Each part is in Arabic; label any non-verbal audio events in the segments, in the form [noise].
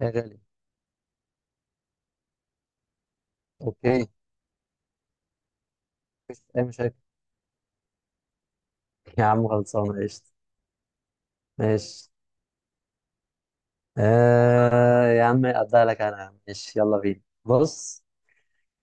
يا غالي. اوكي. مفيش اي مشاكل. يا عم، خلصانه قشطه. ماشي. يا عم ابدا لك انا، يا عم، ماشي يلا بينا. بص،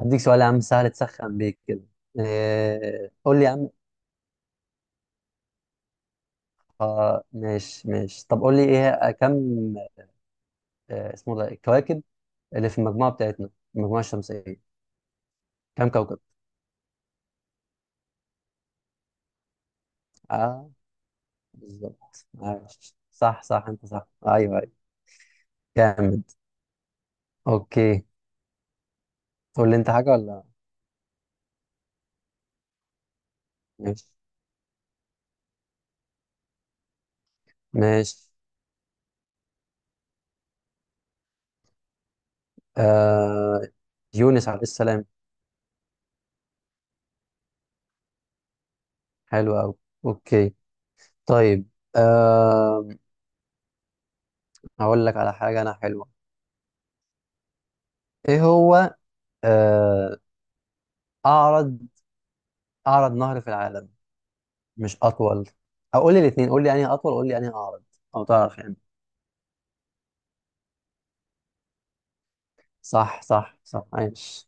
هديك سؤال يا عم سهل تسخن بيك كده. قول لي يا عم. ماشي ماشي، طب قول لي ايه، كم. اسمه ده الكواكب اللي في المجموعه بتاعتنا، المجموعه الشمسيه، كم كوكب؟ اه، بالظبط، عاش، صح صح، انت صح، ايوه ايوه. جامد. اوكي. تقول لي انت حاجه ولا؟ ماشي. ماشي، آه يونس عليه السلام. حلو أوي. أوكي. طيب. آه هقول لك على حاجة أنا حلوة، إيه هو. آه أعرض أعرض نهر في العالم، مش أطول. أقول لي الاتنين، قول لي أنهي أطول، قول لي أنهي أعرض. أو تعرف يعني. صح صح صح، عايش.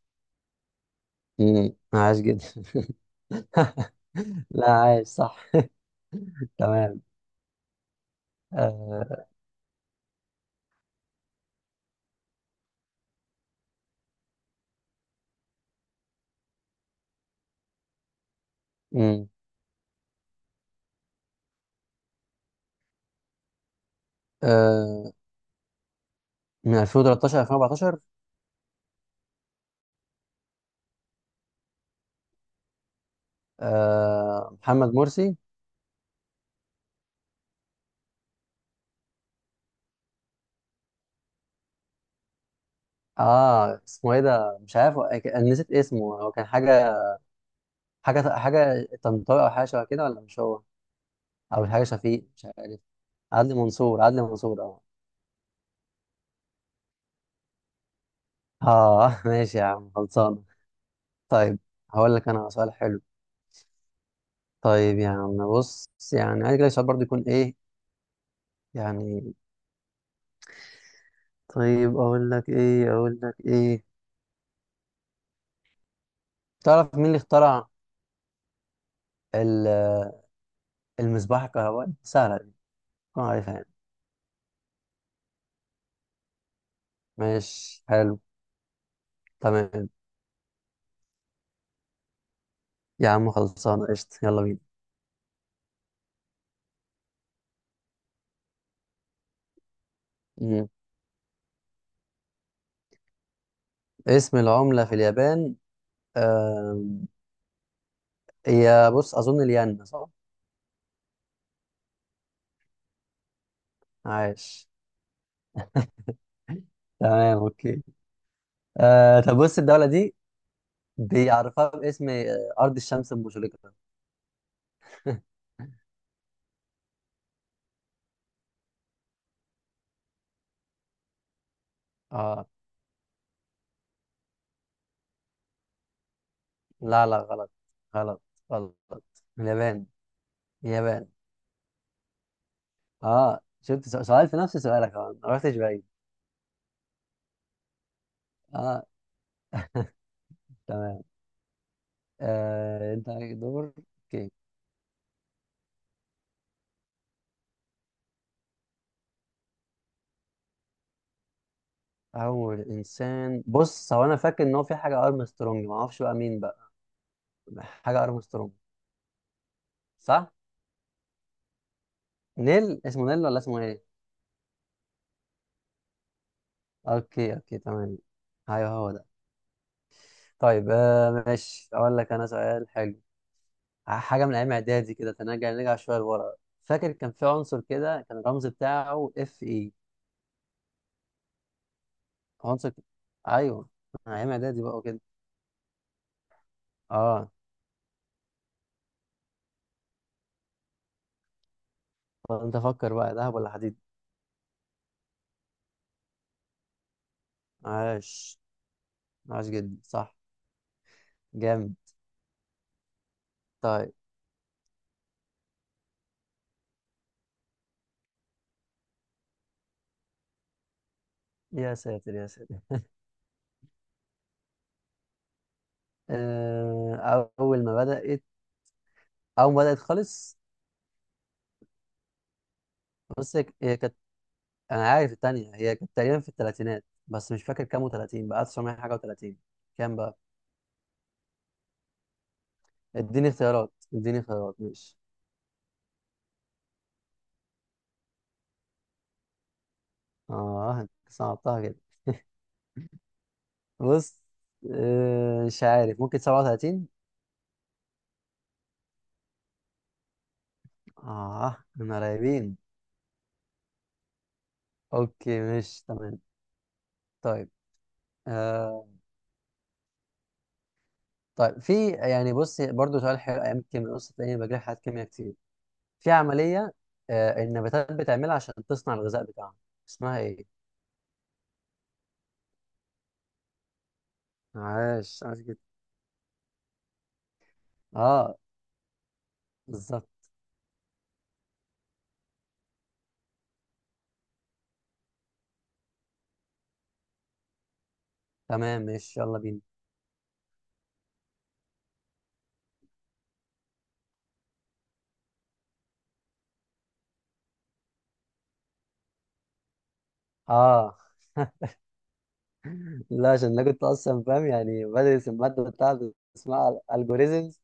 عايش جدا. [laughs] لا، عايش صح. تمام. آه امم آه من 2013 2014. محمد مرسي. اه اسمه ايه ده، مش عارف. أنا نسيت اسمه، هو كان حاجه طنطاوي، او حاجه شبه كده، ولا مش هو؟ او حاجه شفيق، مش عارف. عدلي منصور، عدلي منصور، اه. اه [laughs] ماشي يا عم خلصان. طيب هقول لك انا سؤال حلو. طيب يا عم بص، يعني عايز لك سؤال برضه يكون ايه يعني. طيب اقول لك ايه. تعرف مين اللي اخترع ال- المصباح الكهربائي؟ سهله دي، تكون عارفها يعني. ماشي، حلو. تمام يا عم، خلصانه قشطه، يلا بينا. اسم العملة في اليابان، آم، هي بص، أظن الين، صح؟ عاش. تمام. أوكي. طب بص، الدولة دي بيعرفها باسم أرض الشمس المشرقة. آه لا لا، غلط غلط غلط. اليابان، اليابان. شفت سؤال في نفس سؤالك، ما رحتش بعيد. آه تمام. أنت عليك دور. أوكي. أول إنسان، بص هو أنا فاكر إن هو في حاجة أرمسترونج، ما أعرفش بقى مين بقى. حاجة أرمسترونج، صح؟ نيل، اسمه نيل ولا اسمه ايه؟ اوكي اوكي تمام، ايوه هو ده. طيب ماشي، اقول لك انا سؤال حلو، حاجه من ايام اعدادي كده، نرجع شويه لورا. فاكر كان في عنصر كده كان الرمز بتاعه اف اي؟ عنصر ك- ايوه، ايام اعدادي بقى وكده. اه طب انت فكر بقى، ذهب ولا حديد؟ عاش، عاش جدا، صح. جامد. طيب. يا ساتر يا ساتر. آه اول ما بدات اول ما بدات خالص. بص هي كانت، انا عارف التانية هي كانت تقريبا في الثلاثينات، بس مش فاكر كام، و30 بقى 900 حاجه و30، كام بقى. اديني اختيارات مش. اه انت صعبتها كده. بص، مش عارف، ممكن 37. اه، احنا قريبين. اوكي، مش تمام. طيب. آه طيب في يعني بص برضو سؤال حلو، ايام الكيمياء بص تلاقيني بجري حاجات كيمياء كتير. في عمليه النباتات بتعملها عشان تصنع الغذاء بتاعها، اسمها ايه؟ عاش، عاش جدا. اه، بالظبط. تمام، ماشي، يلا بينا. اه [laughs] لا، عشان انا كنت اصلا فاهم، يعني بدرس الماده بتاعتي اسمها الجوريزمز.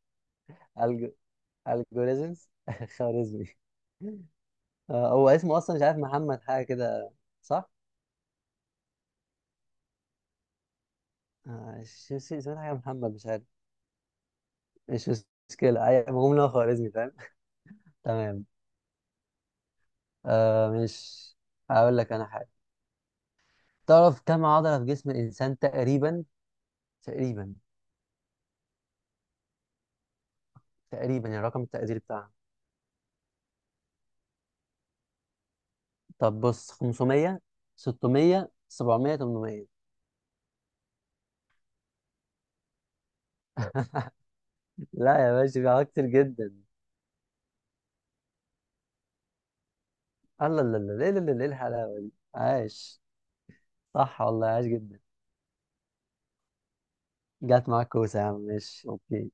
الجوريزمز [laughs] خوارزمي. هو اسمه اصلا مش عارف، محمد حاجه كده، صح؟ اسمه حاجه محمد، مش عارف. مش مشكله، المهم ان هو خوارزمي، فاهم. تمام. آه مش هقول لك انا حاجه. تعرف كم عضله في جسم الانسان تقريبا؟ تقريبا يعني رقم التقدير بتاعها. طب بص، 500 600 700 800. لا يا باشا، في حاجات كتير جدا. الله، لا لا لا لا لا، الحلاوه دي، عاش. صح والله، عاش جدا، جت معاك كوسه يا عم، ماشي، اوكي.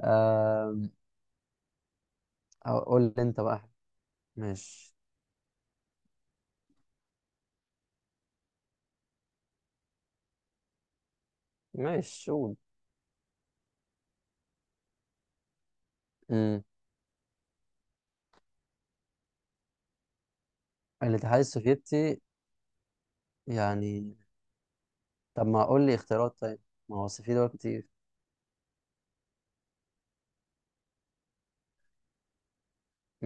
أم، اقول لي انت بقى. ماشي. ماشي، قول. امم الاتحاد السوفيتي، يعني. طب ما اقول لي اختيارات، طيب. ما هو أصل في دول كتير.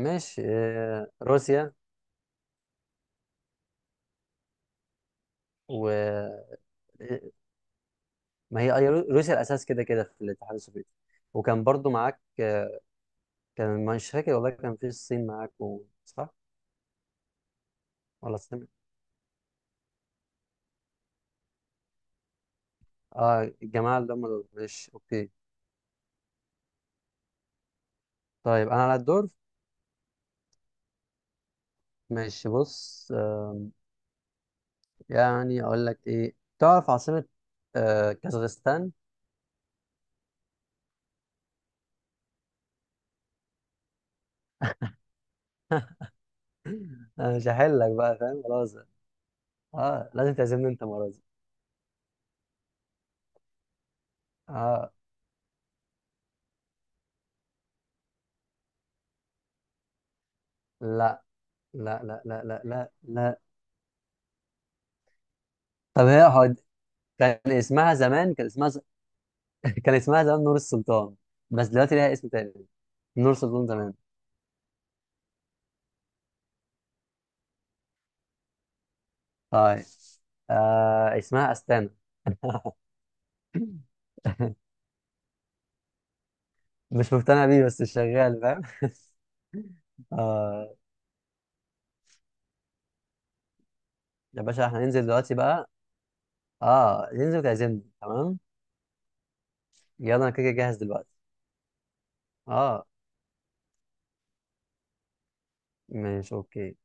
ماشي، روسيا. و ما هي روسيا الاساس كده كده في الاتحاد السوفيتي، وكان برضو معاك كان مش فاكر والله، كان في الصين معاكم، صح؟ ولا الصين. اه، الجماعة اللي هم دول، ماشي، اوكي. طيب انا على الدور. ماشي، بص، يعني اقول لك ايه؟ تعرف عاصمة كازاخستان؟ [clears throat] [laughs] انا مش هحلك بقى، فاهم خلاص. اه، لازم تعزمني انت مرة دي. اه، لا لا لا لا لا لا لا. طب هي كان اسمها زمان، [laughs] كان اسمها زمان نور السلطان، بس دلوقتي ليها اسم تاني. نور السلطان زمان. طيب اسمها أستانا. [laughs] مش مقتنع بيه، بس شغال، فاهم. [laughs] آه يا باشا، احنا ننزل دلوقتي بقى. اه، ننزل وتعزمني، تمام. يلا، انا كده كده جاهز دلوقتي. اه، ماشي، اوكي.